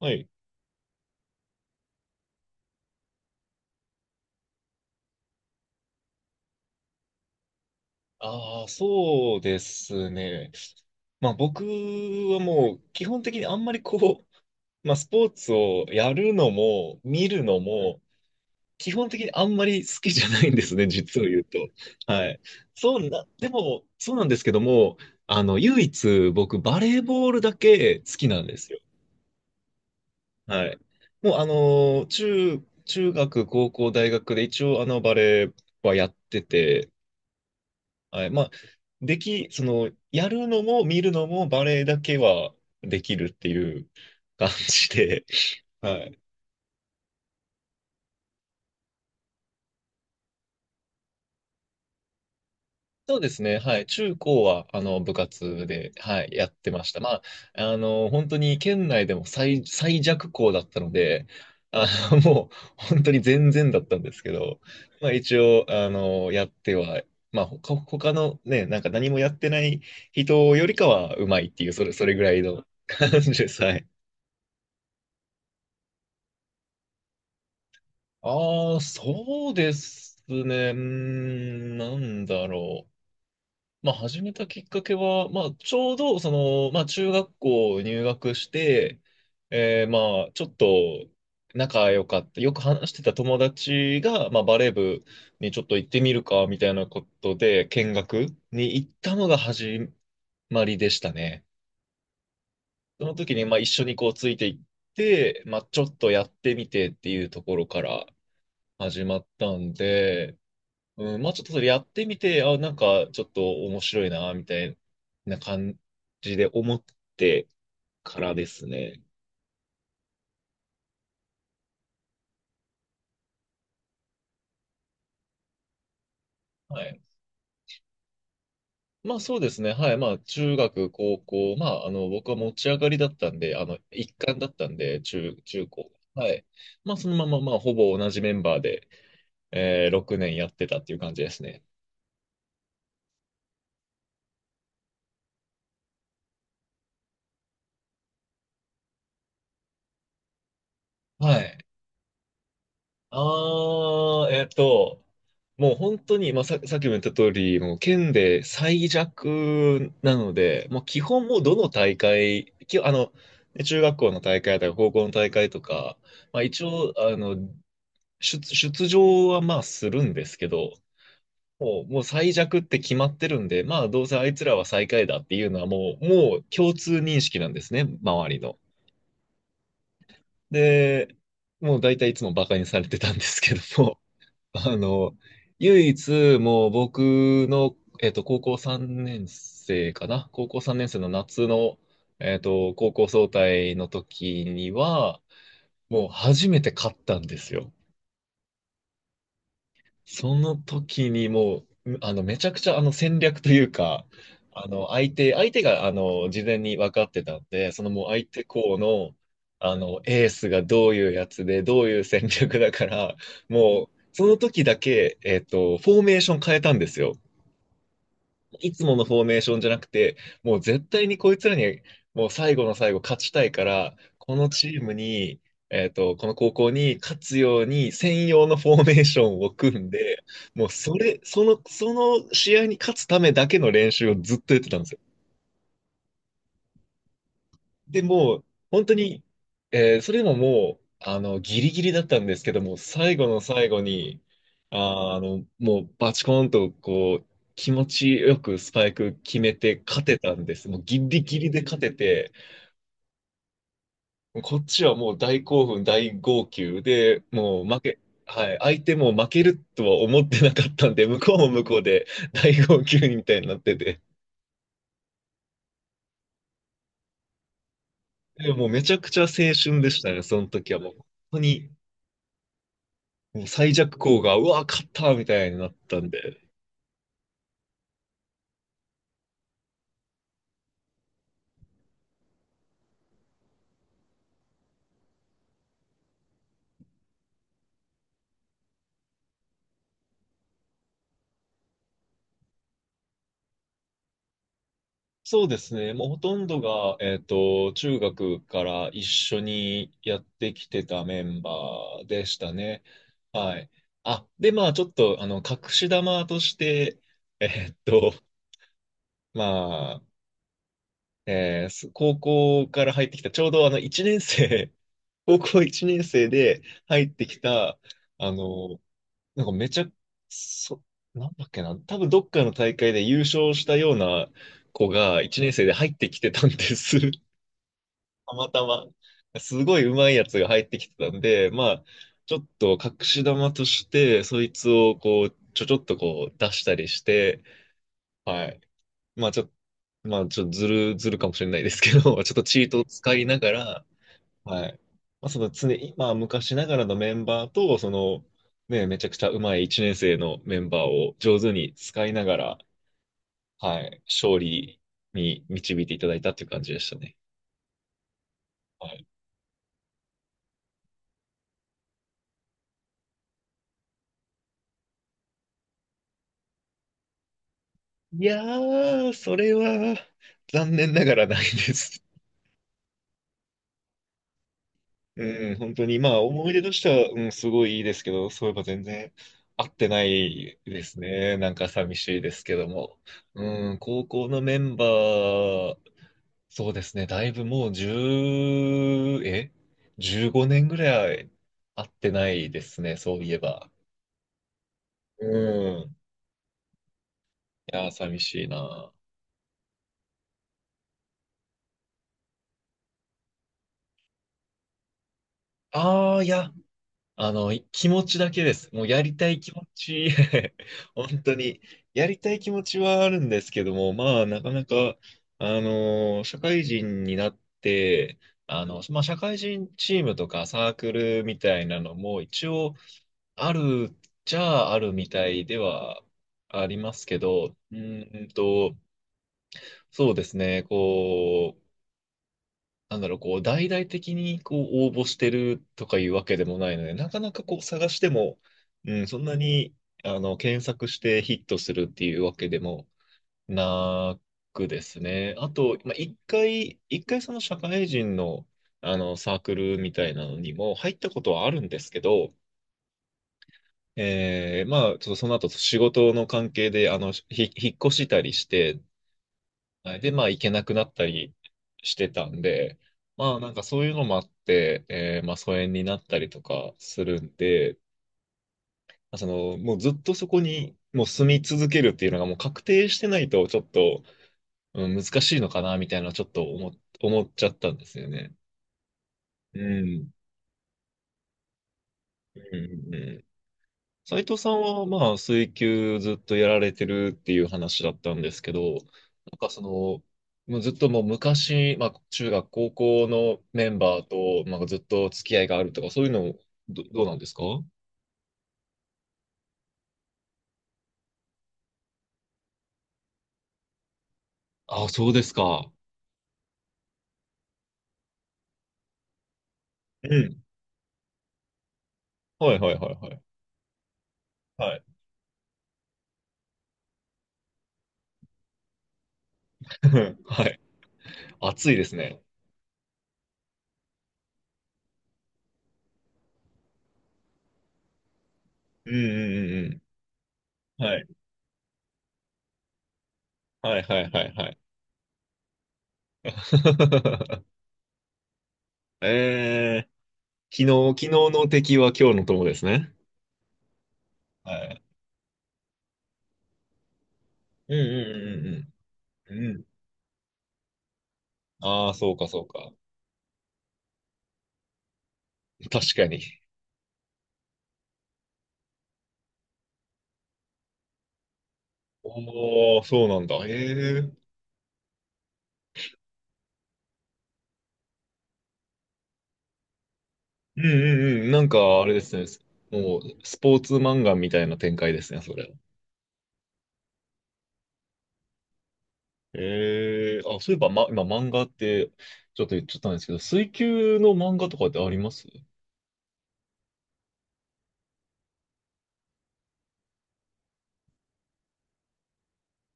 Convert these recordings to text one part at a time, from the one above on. はい。ああ、そうですね。まあ僕はもう基本的にあんまりこう、まあスポーツをやるのも見るのも基本的にあんまり好きじゃないんですね、実を言うと。はい。そうな、でもそうなんですけども、唯一僕バレーボールだけ好きなんですよ。はい。もう中学、高校、大学で一応バレーはやってて、はい。まあ、でき、その、やるのも見るのもバレエだけはできるっていう感じで、はい。そうですね。はい。中高は、部活で、はい、やってました。まあ、本当に県内でも最弱校だったので、あもう、本当に全然だったんですけど、まあ、一応、やっては、まあ、他のね、なんか何もやってない人よりかはうまいっていう、それぐらいの感じです。はい。ああ、そうですね。うーん、なんだろう。まあ、始めたきっかけは、まあ、ちょうど、まあ、中学校入学して、まあ、ちょっと仲良かった、よく話してた友達が、まあ、バレー部にちょっと行ってみるか、みたいなことで、見学に行ったのが始まりでしたね。その時に、まあ、一緒にこう、ついていって、まあ、ちょっとやってみてっていうところから始まったんで、うん、まあちょっとそれやってみて、あ、なんかちょっと面白いな、みたいな感じで思ってからですね。はい。まあそうですね。はい。まあ中学、高校、まあ僕は持ち上がりだったんで、一貫だったんで、中高。はい。まあそのまままあほぼ同じメンバーで、6年やってたっていう感じですね。はい。ああ、もう本当に、まあ、さっきも言った通り、もう県で最弱なので、もう基本もうどの大会、き、あの、中学校の大会とか高校の大会とか、まあ一応、出場はまあするんですけど、もう最弱って決まってるんで、まあどうせあいつらは最下位だっていうのはもう共通認識なんですね、周りの。で、もう大体いつもバカにされてたんですけども、あの、唯一、もう僕の、高校3年生かな、高校3年生の夏の、高校総体の時には、もう初めて勝ったんですよ。その時にもう、めちゃくちゃ戦略というか、相手が事前に分かってたんで、そのもう相手校の、エースがどういうやつで、どういう戦略だから、もう、その時だけ、フォーメーション変えたんですよ。いつものフォーメーションじゃなくて、もう絶対にこいつらに、もう最後の最後勝ちたいから、このチームに、この高校に勝つように専用のフォーメーションを組んで、もうその試合に勝つためだけの練習をずっとやってたんですよ。で、もう、本当に、それでももう、ギリギリだったんですけども、最後の最後に、もう、バチコーンと、こう、気持ちよくスパイク決めて勝てたんです。もうギリギリで勝てて、こっちはもう大興奮、大号泣で、もう負け、はい、相手も負けるとは思ってなかったんで、向こうも向こうで大号泣みたいになってて、でももうめちゃくちゃ青春でしたね、その時はもう。本当にもう最弱校が、うわ、勝ったみたいになったんで。そうですね。もうほとんどが、中学から一緒にやってきてたメンバーでしたね。はい。あ、で、まあ、ちょっと、隠し玉として、えっと、まあ、えーす高校から入ってきた、ちょうど1年生、高校1年生で入ってきた、あの、なんかめちゃ、そ、なんだっけな、多分どっかの大会で優勝したような子が1年生で入ってきてたんです。たまたま。すごい上手いやつが入ってきてたんで、まあ、ちょっと隠し玉として、そいつをこう、ちょっとこう出したりして、はい。まあちょっと、まあちょっとずるかもしれないですけど、ちょっとチートを使いながら、はい。まあ、常に、まあ、昔ながらのメンバーと、ね、めちゃくちゃうまい1年生のメンバーを上手に使いながら、はい、勝利に導いていただいたっていう感じでしたね。はい、いやー、それは残念ながらないです。うん、本当に、まあ、思い出としては、うん、すごいいいですけど、そういえば全然合ってないですね。なんか寂しいですけども。うん、高校のメンバー、そうですね。だいぶもう1え ?15 年ぐらい会ってないですね。そういえば。うん。いやー、寂しいな。ああ、いや、気持ちだけです。もうやりたい気持ち、本当に、やりたい気持ちはあるんですけども、まあ、なかなか、社会人になって、まあ、社会人チームとかサークルみたいなのも、一応、あるっちゃあるみたいではありますけど、そうですね、こう、なんだろう、こう、大々的にこう応募してるとかいうわけでもないので、なかなかこう探しても、うん、そんなに、検索してヒットするっていうわけでもなくですね。あと、まあ、一回その社会人の、サークルみたいなのにも入ったことはあるんですけど、まあ、ちょっとその後、仕事の関係で、引っ越したりして、はい。で、まあ、行けなくなったりしてたんで、まあ、なんかそういうのもあって、まあ、疎遠になったりとかするんで、まあその、もうずっとそこに、もう住み続けるっていうのがもう確定してないと、ちょっと、うん、難しいのかな、みたいな、ちょっと思っちゃったんですよね。うん。うん、うん、斉藤さんは、まあ、水球ずっとやられてるっていう話だったんですけど、なんかその、もうずっともう昔、まあ、中学、高校のメンバーと、まあ、ずっと付き合いがあるとか、そういうの、どうなんですか？あ、そうですか。うん。はい、はい、はい、はい。はい。はい。暑いですね。うん、うん、うん、うん。はい。はい、はい、はい、はい。えー、昨昨日の敵は今日の友ですね。はい。うん、うん、うん、うん、うん。うん。ああ、そうか、そうか。確かに。おー、そうなんだ。へえ。うん、うん、うん。なんか、あれですね。もう、スポーツ漫画みたいな展開ですね、それ。ええ、あ、そういえば、ま、今、漫画って、ちょっと言っちゃったんですけど、水球の漫画とかってあります？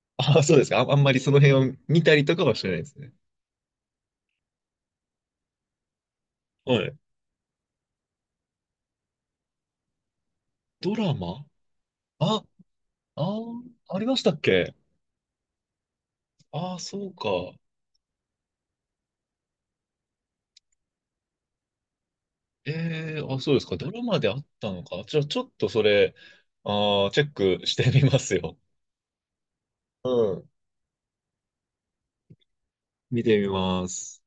あ、そうですか。あ、あんまりその辺を見たりとかはしてないですね。はい。ドラマ。あ、ありましたっけ？ああー、そうか。ええ、あ、そうですか。ドラマであったのか。じゃあ、ちょっとそれ、あチェックしてみますよ。うん。見てみます。